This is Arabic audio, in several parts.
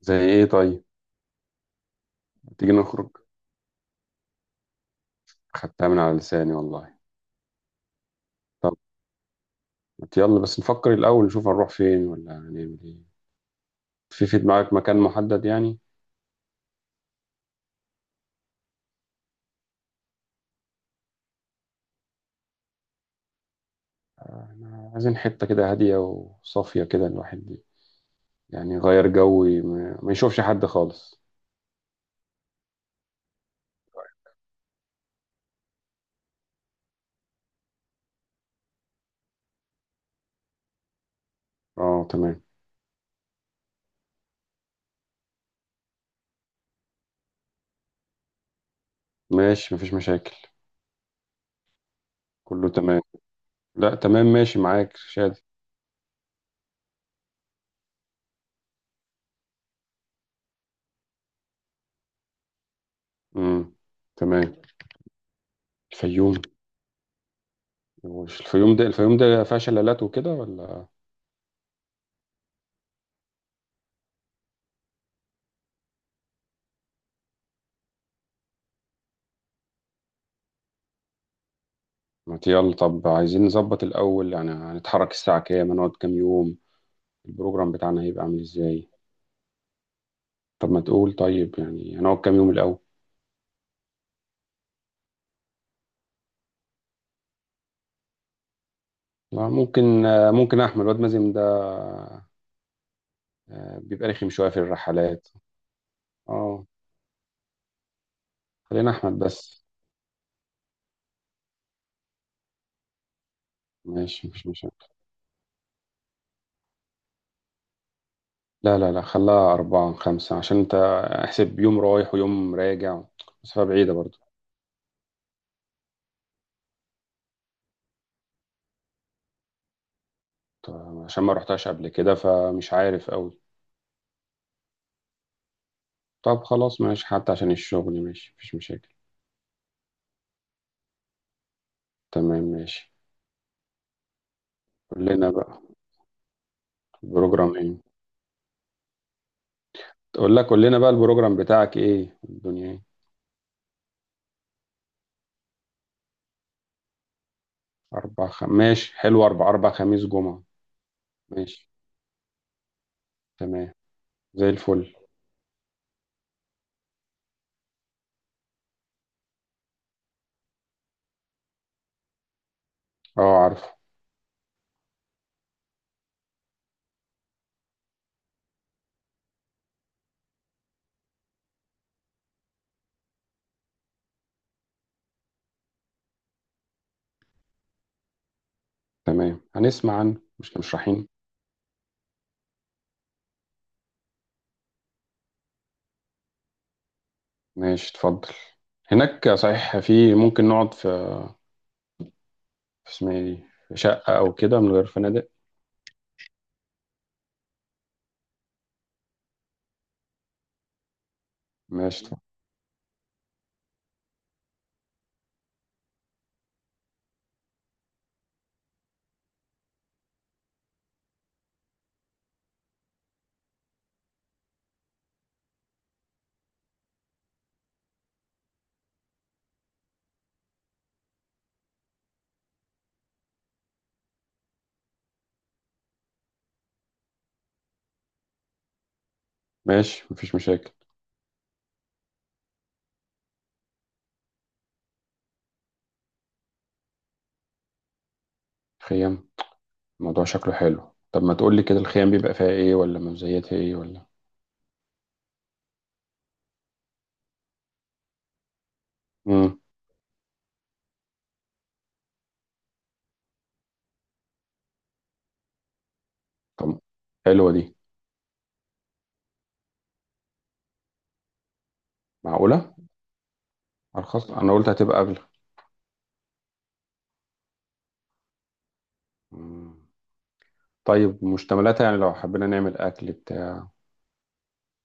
زي ايه طيب؟ تيجي نخرج. خدتها من على لساني والله. طب، ما يلا بس نفكر الاول، نشوف هنروح فين ولا هنعمل ايه. في دماغك مكان محدد يعني؟ احنا عايزين حتة كده هادية وصافية، كده الواحد يعني يغير جو، ما يشوفش حد خالص. اه، تمام، ماشي مفيش مشاكل، كله تمام. لا، تمام، ماشي معاك شادي. امم، تمام، الفيوم. هو الفيوم ده فيها شلالات وكده ولا؟ ما ت- يلا طب، عايزين نظبط الأول، يعني هنتحرك الساعة كام، هنقعد كام يوم، البروجرام بتاعنا هيبقى عامل ازاي؟ طب ما تقول طيب، يعني هنقعد كام يوم الأول؟ ممكن، ممكن أحمد. الواد مازن ده، بيبقى رخم شوية في الرحلات. اه، خلينا أحمد بس. ماشي، مفيش مشاكل. لا لا لا، خلاها أربعة خمسة عشان أنت احسب يوم رايح ويوم راجع، مسافة بعيدة برضو. طب عشان ما رحتهاش قبل كده، فمش عارف أوي. طب خلاص، ماشي، حتى عشان الشغل. ماشي، مفيش مشاكل. تمام، ماشي. كلنا بقى. بروجرام ايه؟ تقول لك قول لنا بقى، البروجرام بتاعك ايه، الدنيا ايه؟ ماشي حلو. اربع خميس جمعة. ماشي. تمام، زي الفل. اه، عارفه. تمام، هنسمع عنه، مش كده، مش رايحين؟ ماشي، اتفضل. هناك صحيح، في ممكن نقعد في اسمها ايه دي، في شقة او كده من غير فنادق؟ ماشي، اتفضل. ماشي، مفيش مشاكل. خيام. الموضوع شكله حلو. طب ما تقول لي كده، الخيام بيبقى فيها ايه، ولا مزيتها ايه ولا؟ امم، طب، حلوة دي. معقولة؟ ارخص؟ انا قلت هتبقى اغلى. مم. طيب، مشتملاتها يعني لو حبينا نعمل أكل بتاع،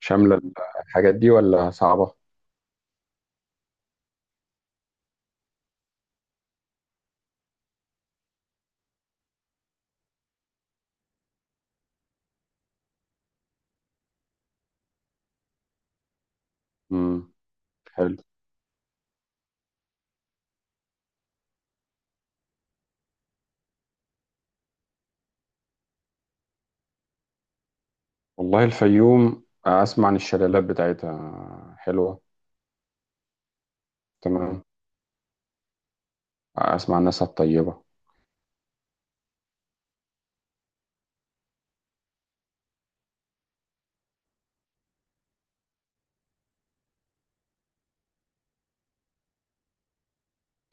شاملة الحاجات دي ولا صعبة؟ امم. حلو. والله الفيوم، أسمع عن الشلالات بتاعتها حلوة. تمام. أسمع عن ناسها الطيبة.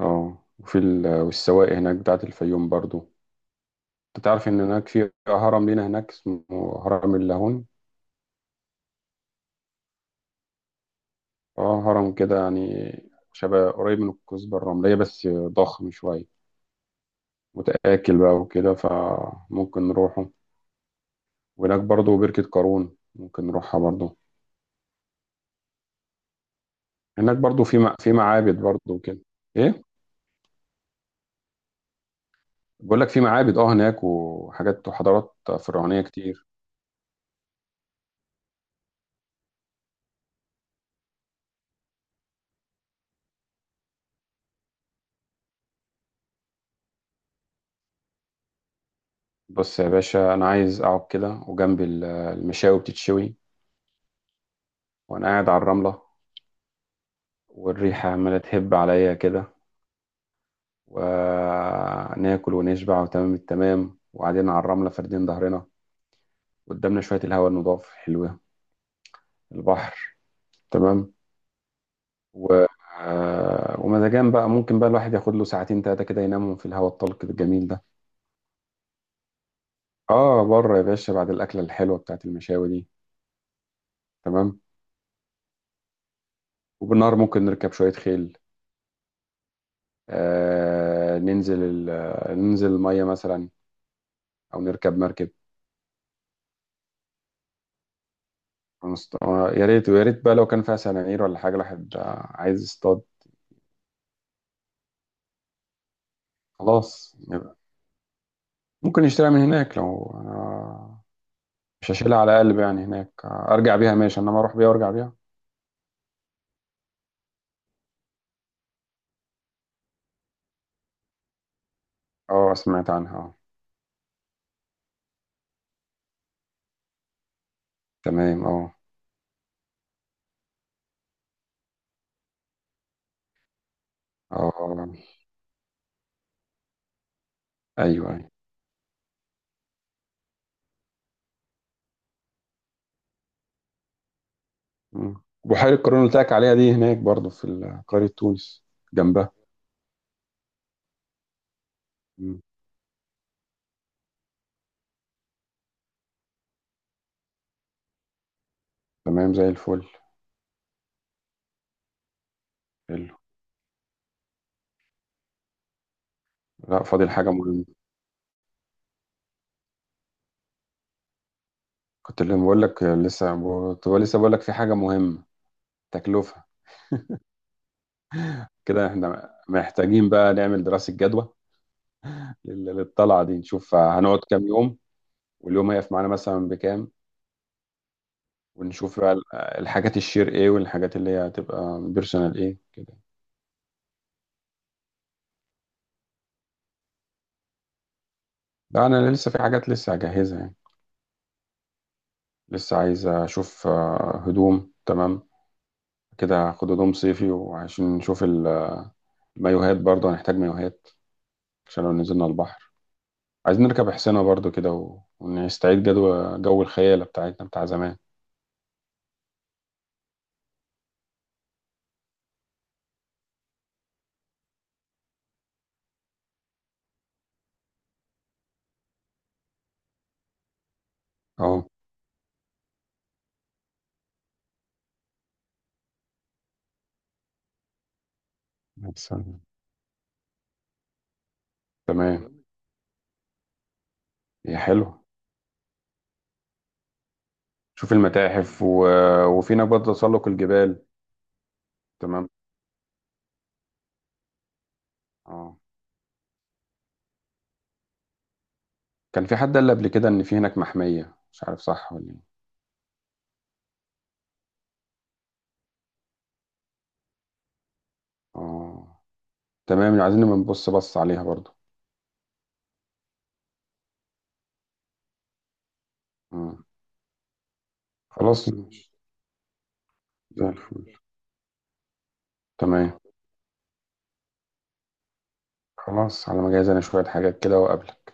اه، وفي والسواقي هناك بتاعت الفيوم برضو. أنت تعرف إن هناك في هرم لينا هناك، اسمه هرم اللاهون. اه، هرم كده يعني، شبه قريب من الكثبة الرملية بس ضخم شوية، متآكل بقى وكده، فممكن نروحه. وهناك برضو بركة قارون، ممكن نروحها برضو. هناك برضو في في معابد برضو كده، ايه. بقول لك في معابد، اه، هناك، وحاجات وحضارات فرعونية كتير. بص يا باشا، انا عايز اقعد كده، وجنب المشاوي بتتشوي، وانا قاعد على الرملة، والريحة عمالة تهب عليا كده. وناكل ونشبع وتمام التمام، وقاعدين على الرملة فاردين ظهرنا، قدامنا شوية الهواء النضاف حلوة، البحر، تمام. و... آه، ومزاجان بقى، ممكن بقى الواحد ياخد له ساعتين تلاتة كده ينامهم في الهواء الطلق الجميل ده. اه، بره يا باشا، بعد الأكلة الحلوة بتاعت المشاوي دي. تمام. وبالنهار ممكن نركب شوية خيل. آه ننزل ال... آه، ننزل المية مثلا، أو نركب مركب. يا ريت ويا ريت بقى لو كان فيها سنانير ولا حاجة، الواحد عايز يصطاد. خلاص يبقى. ممكن يشتريها من هناك لو مش هشيلها على قلب يعني هناك، أرجع بيها ماشي، إنما أروح بيها وأرجع بيها. اه، سمعت عنها، اه. تمام، اه، اه، ايوه، ايوه. بحيرة قارون اللي قلت لك عليها دي هناك برضو في قرية تونس جنبها. مم، تمام، زي الفل. حلو. لا، فاضل حاجة مهمة. كنت اللي بقول لك لسه. لسه بقول لك في حاجة مهمة. تكلفة. كده احنا محتاجين بقى نعمل دراسة جدوى للطلعة دي، نشوف هنقعد كام يوم، واليوم هيقف معانا مثلا بكام. ونشوف بقى الحاجات الشير ايه، والحاجات اللي هي هتبقى بيرسونال ايه كده. لا، انا لسه في حاجات لسه هجهزها يعني. لسه عايز اشوف هدوم تمام، كده هاخد هدوم صيفي، وعشان نشوف المايوهات برضه هنحتاج مايوهات عشان لو نزلنا البحر. عايزين نركب حصينة برضه كده، ونستعيد جدوى جو الخيالة بتاعتنا بتاع زمان. اهو. أحسن. تمام. هي حلو. شوف المتاحف وفي هناك برضه تسلق الجبال. تمام. اه، كان في حد قال قبل كده ان في هناك محمية، مش عارف صح ولا ايه. اه، تمام، عايزين نبقى بص عليها برضه. مم. خلاص، ماشي. زي الفل، تمام. خلاص، على ما اجهز انا شوية حاجات كده وأقابلك.